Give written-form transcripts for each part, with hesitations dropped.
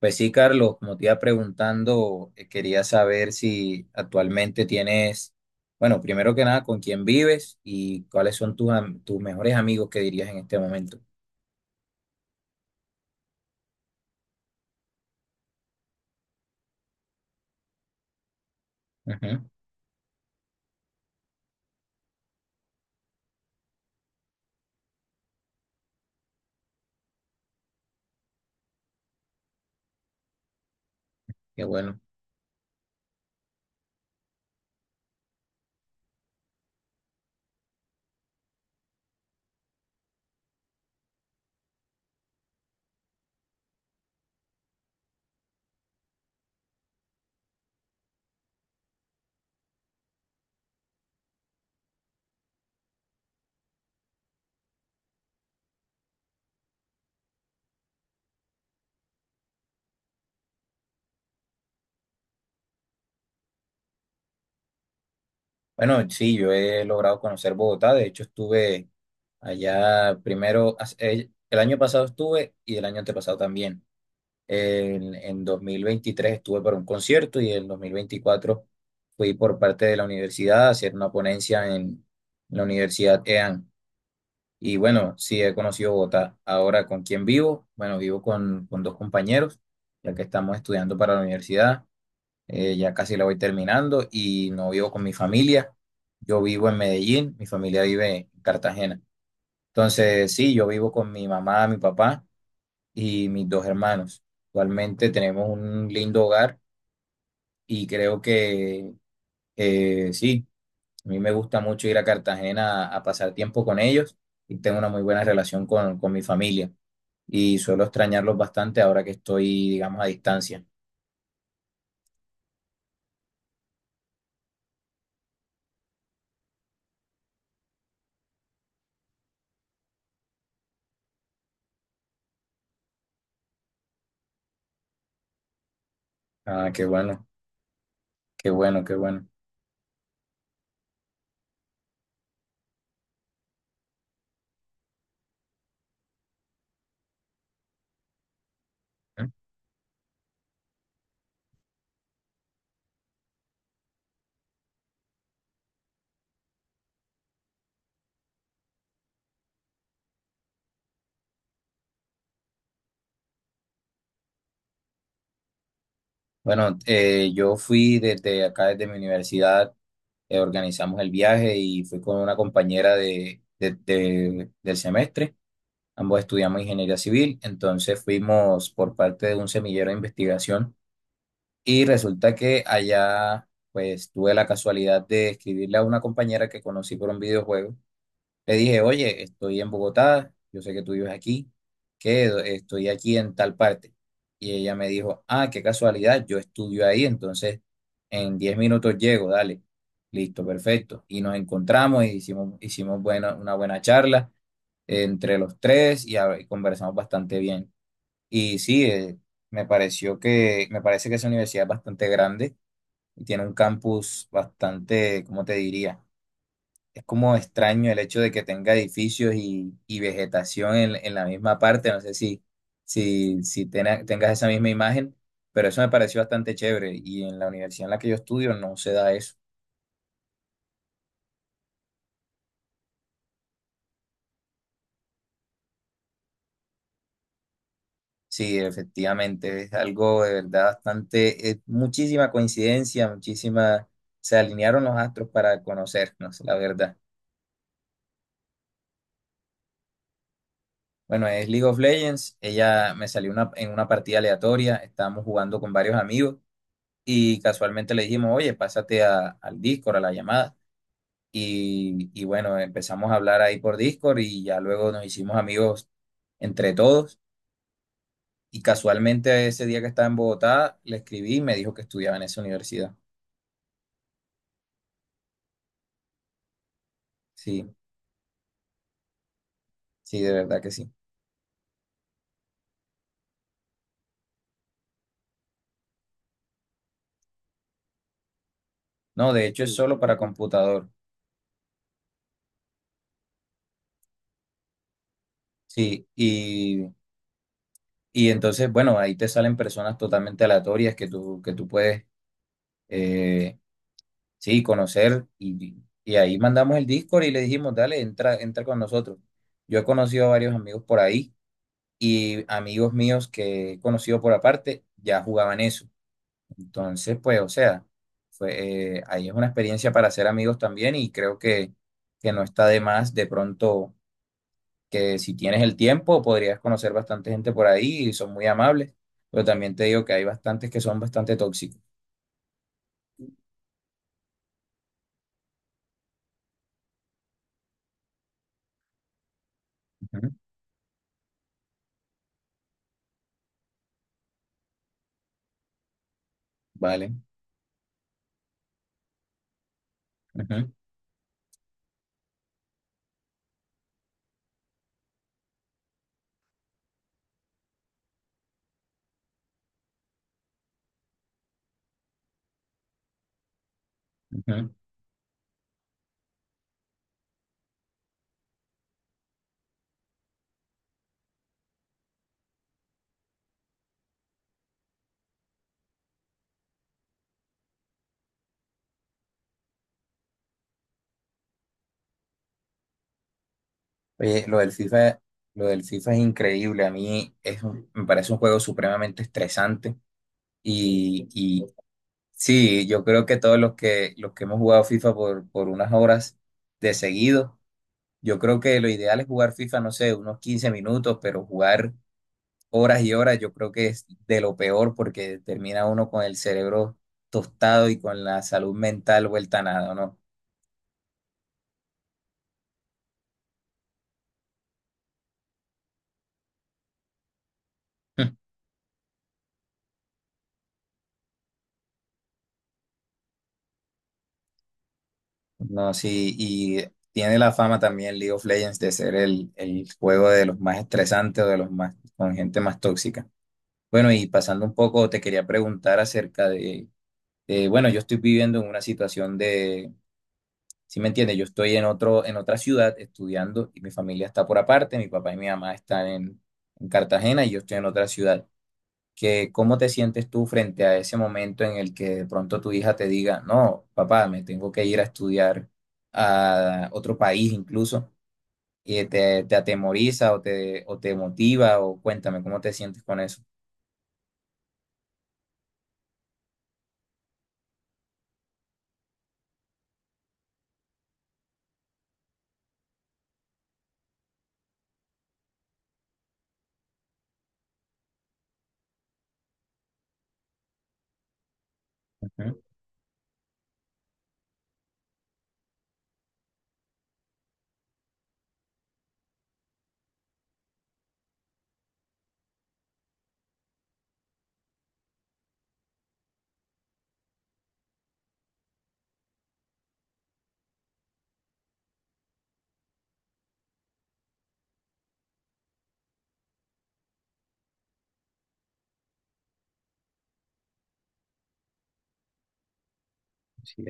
Pues sí, Carlos, como te iba preguntando, quería saber si actualmente tienes, bueno, primero que nada, con quién vives y cuáles son tus mejores amigos que dirías en este momento. Ujú. Qué bueno. Bueno, sí, yo he logrado conocer Bogotá, de hecho estuve allá primero, el año pasado estuve y el año antepasado también. En 2023 estuve para un concierto y en 2024 fui por parte de la universidad a hacer una ponencia en la Universidad EAN. Y bueno, sí he conocido Bogotá. Ahora, ¿con quién vivo? Bueno, vivo con dos compañeros, ya que estamos estudiando para la universidad. Ya casi la voy terminando y no vivo con mi familia. Yo vivo en Medellín, mi familia vive en Cartagena. Entonces, sí, yo vivo con mi mamá, mi papá y mis dos hermanos. Actualmente tenemos un lindo hogar y creo que sí, a mí me gusta mucho ir a Cartagena a pasar tiempo con ellos y tengo una muy buena relación con mi familia y suelo extrañarlos bastante ahora que estoy, digamos, a distancia. Ah, qué bueno, qué bueno, qué bueno. ¿Eh? Bueno, yo fui desde acá, desde mi universidad, organizamos el viaje y fui con una compañera del semestre. Ambos estudiamos ingeniería civil, entonces fuimos por parte de un semillero de investigación y resulta que allá pues tuve la casualidad de escribirle a una compañera que conocí por un videojuego. Le dije, oye, estoy en Bogotá, yo sé que tú vives aquí, que estoy aquí en tal parte. Y ella me dijo, ah, qué casualidad, yo estudio ahí, entonces en 10 minutos llego, dale. Listo, perfecto. Y nos encontramos y hicimos una buena charla entre los tres y conversamos bastante bien. Y sí, me parece que esa universidad es bastante grande y tiene un campus bastante, ¿cómo te diría? Es como extraño el hecho de que tenga edificios y vegetación en la misma parte. No sé si, si, si tena- ¿Tengas esa misma imagen? Pero eso me pareció bastante chévere. Y en la universidad en la que yo estudio no se da eso. Sí, efectivamente, es algo de verdad bastante, muchísima coincidencia, muchísima, se alinearon los astros para conocernos, la verdad. Bueno, es League of Legends, ella me salió una, en una partida aleatoria, estábamos jugando con varios amigos. Y casualmente le dijimos, oye, pásate al Discord, a la llamada. Y bueno, empezamos a hablar ahí por Discord y ya luego nos hicimos amigos entre todos. Y casualmente ese día que estaba en Bogotá, le escribí y me dijo que estudiaba en esa universidad. Sí, sí, de verdad que sí. No, de hecho es sí, solo para computador. Sí, y entonces, bueno, ahí te salen personas totalmente aleatorias que tú puedes, eh, sí, conocer y ahí mandamos el Discord y le dijimos, dale, entra, entra con nosotros. Yo he conocido a varios amigos por ahí y amigos míos que he conocido por aparte ya jugaban eso. Entonces, pues, o sea, fue, ahí es una experiencia para hacer amigos también y creo que no está de más de pronto que si tienes el tiempo podrías conocer bastante gente por ahí y son muy amables, pero también te digo que hay bastantes que son bastante tóxicos. Ujú. Vale. Ujú, ujú. Oye, lo del FIFA es increíble. A mí es me parece un juego supremamente estresante. Y sí, yo creo que todos los que hemos jugado FIFA por unas horas de seguido, yo creo que lo ideal es jugar FIFA, no sé, unos 15 minutos, pero jugar horas y horas, yo creo que es de lo peor porque termina uno con el cerebro tostado y con la salud mental vuelta a nada, ¿no? No, sí, y tiene la fama también League of Legends de ser el juego de los más estresantes o de los más con gente más tóxica. Bueno, y pasando un poco, te quería preguntar acerca de, bueno, yo estoy viviendo en una situación de, si me entiendes, yo estoy en otro, en otra ciudad estudiando y mi familia está por aparte, mi papá y mi mamá están en Cartagena y yo estoy en otra ciudad, que cómo te sientes tú frente a ese momento en el que de pronto tu hija te diga, no, papá, me tengo que ir a estudiar a otro país incluso, y te atemoriza o te motiva, o cuéntame cómo te sientes con eso. Ujú, sí,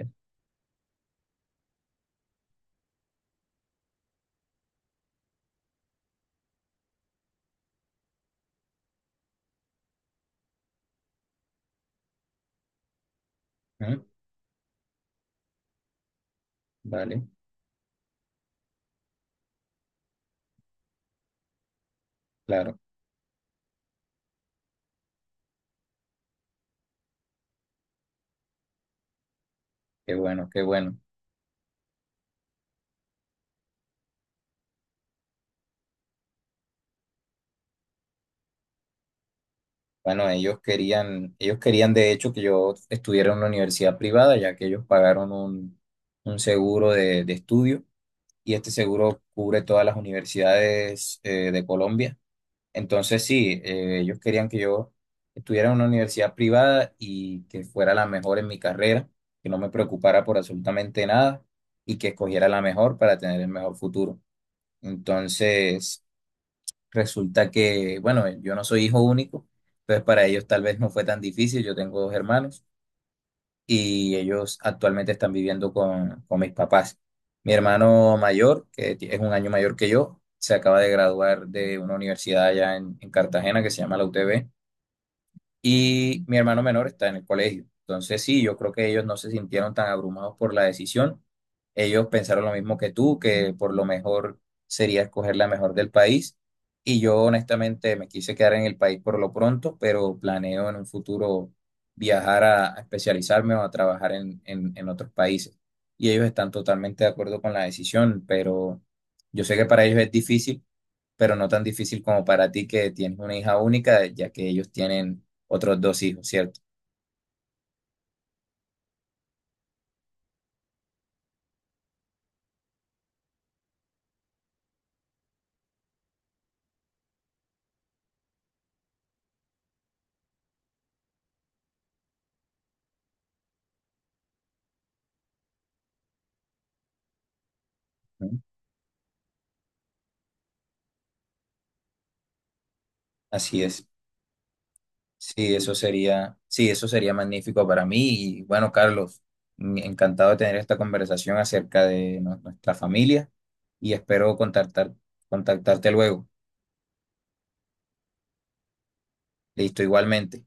ujú, vale, claro, qué bueno, qué bueno. Bueno, ellos querían de hecho que yo estuviera en una universidad privada, ya que ellos pagaron un seguro de estudio. Y este seguro cubre todas las universidades, de Colombia. Entonces, sí, ellos querían que yo estuviera en una universidad privada y que fuera la mejor en mi carrera, que no me preocupara por absolutamente nada y que escogiera la mejor para tener el mejor futuro. Entonces, resulta que, bueno, yo no soy hijo único, entonces para ellos tal vez no fue tan difícil, yo tengo dos hermanos y ellos actualmente están viviendo con mis papás. Mi hermano mayor, que es un año mayor que yo, se acaba de graduar de una universidad allá en Cartagena que se llama la UTB, y mi hermano menor está en el colegio. Entonces, sí, yo creo que ellos no se sintieron tan abrumados por la decisión. Ellos pensaron lo mismo que tú, que por lo mejor sería escoger la mejor del país. Y yo honestamente me quise quedar en el país por lo pronto, pero planeo en un futuro viajar a especializarme o a trabajar en otros países. Y ellos están totalmente de acuerdo con la decisión, pero yo sé que para ellos es difícil, pero no tan difícil como para ti que tienes una hija única, ya que ellos tienen otros dos hijos, ¿cierto? ¿Mm? Así es. Sí, eso sería magnífico para mí. Y bueno, Carlos, mm, encantado de tener esta conversación acerca de nuestra familia y espero contactarte luego. Listo, igualmente.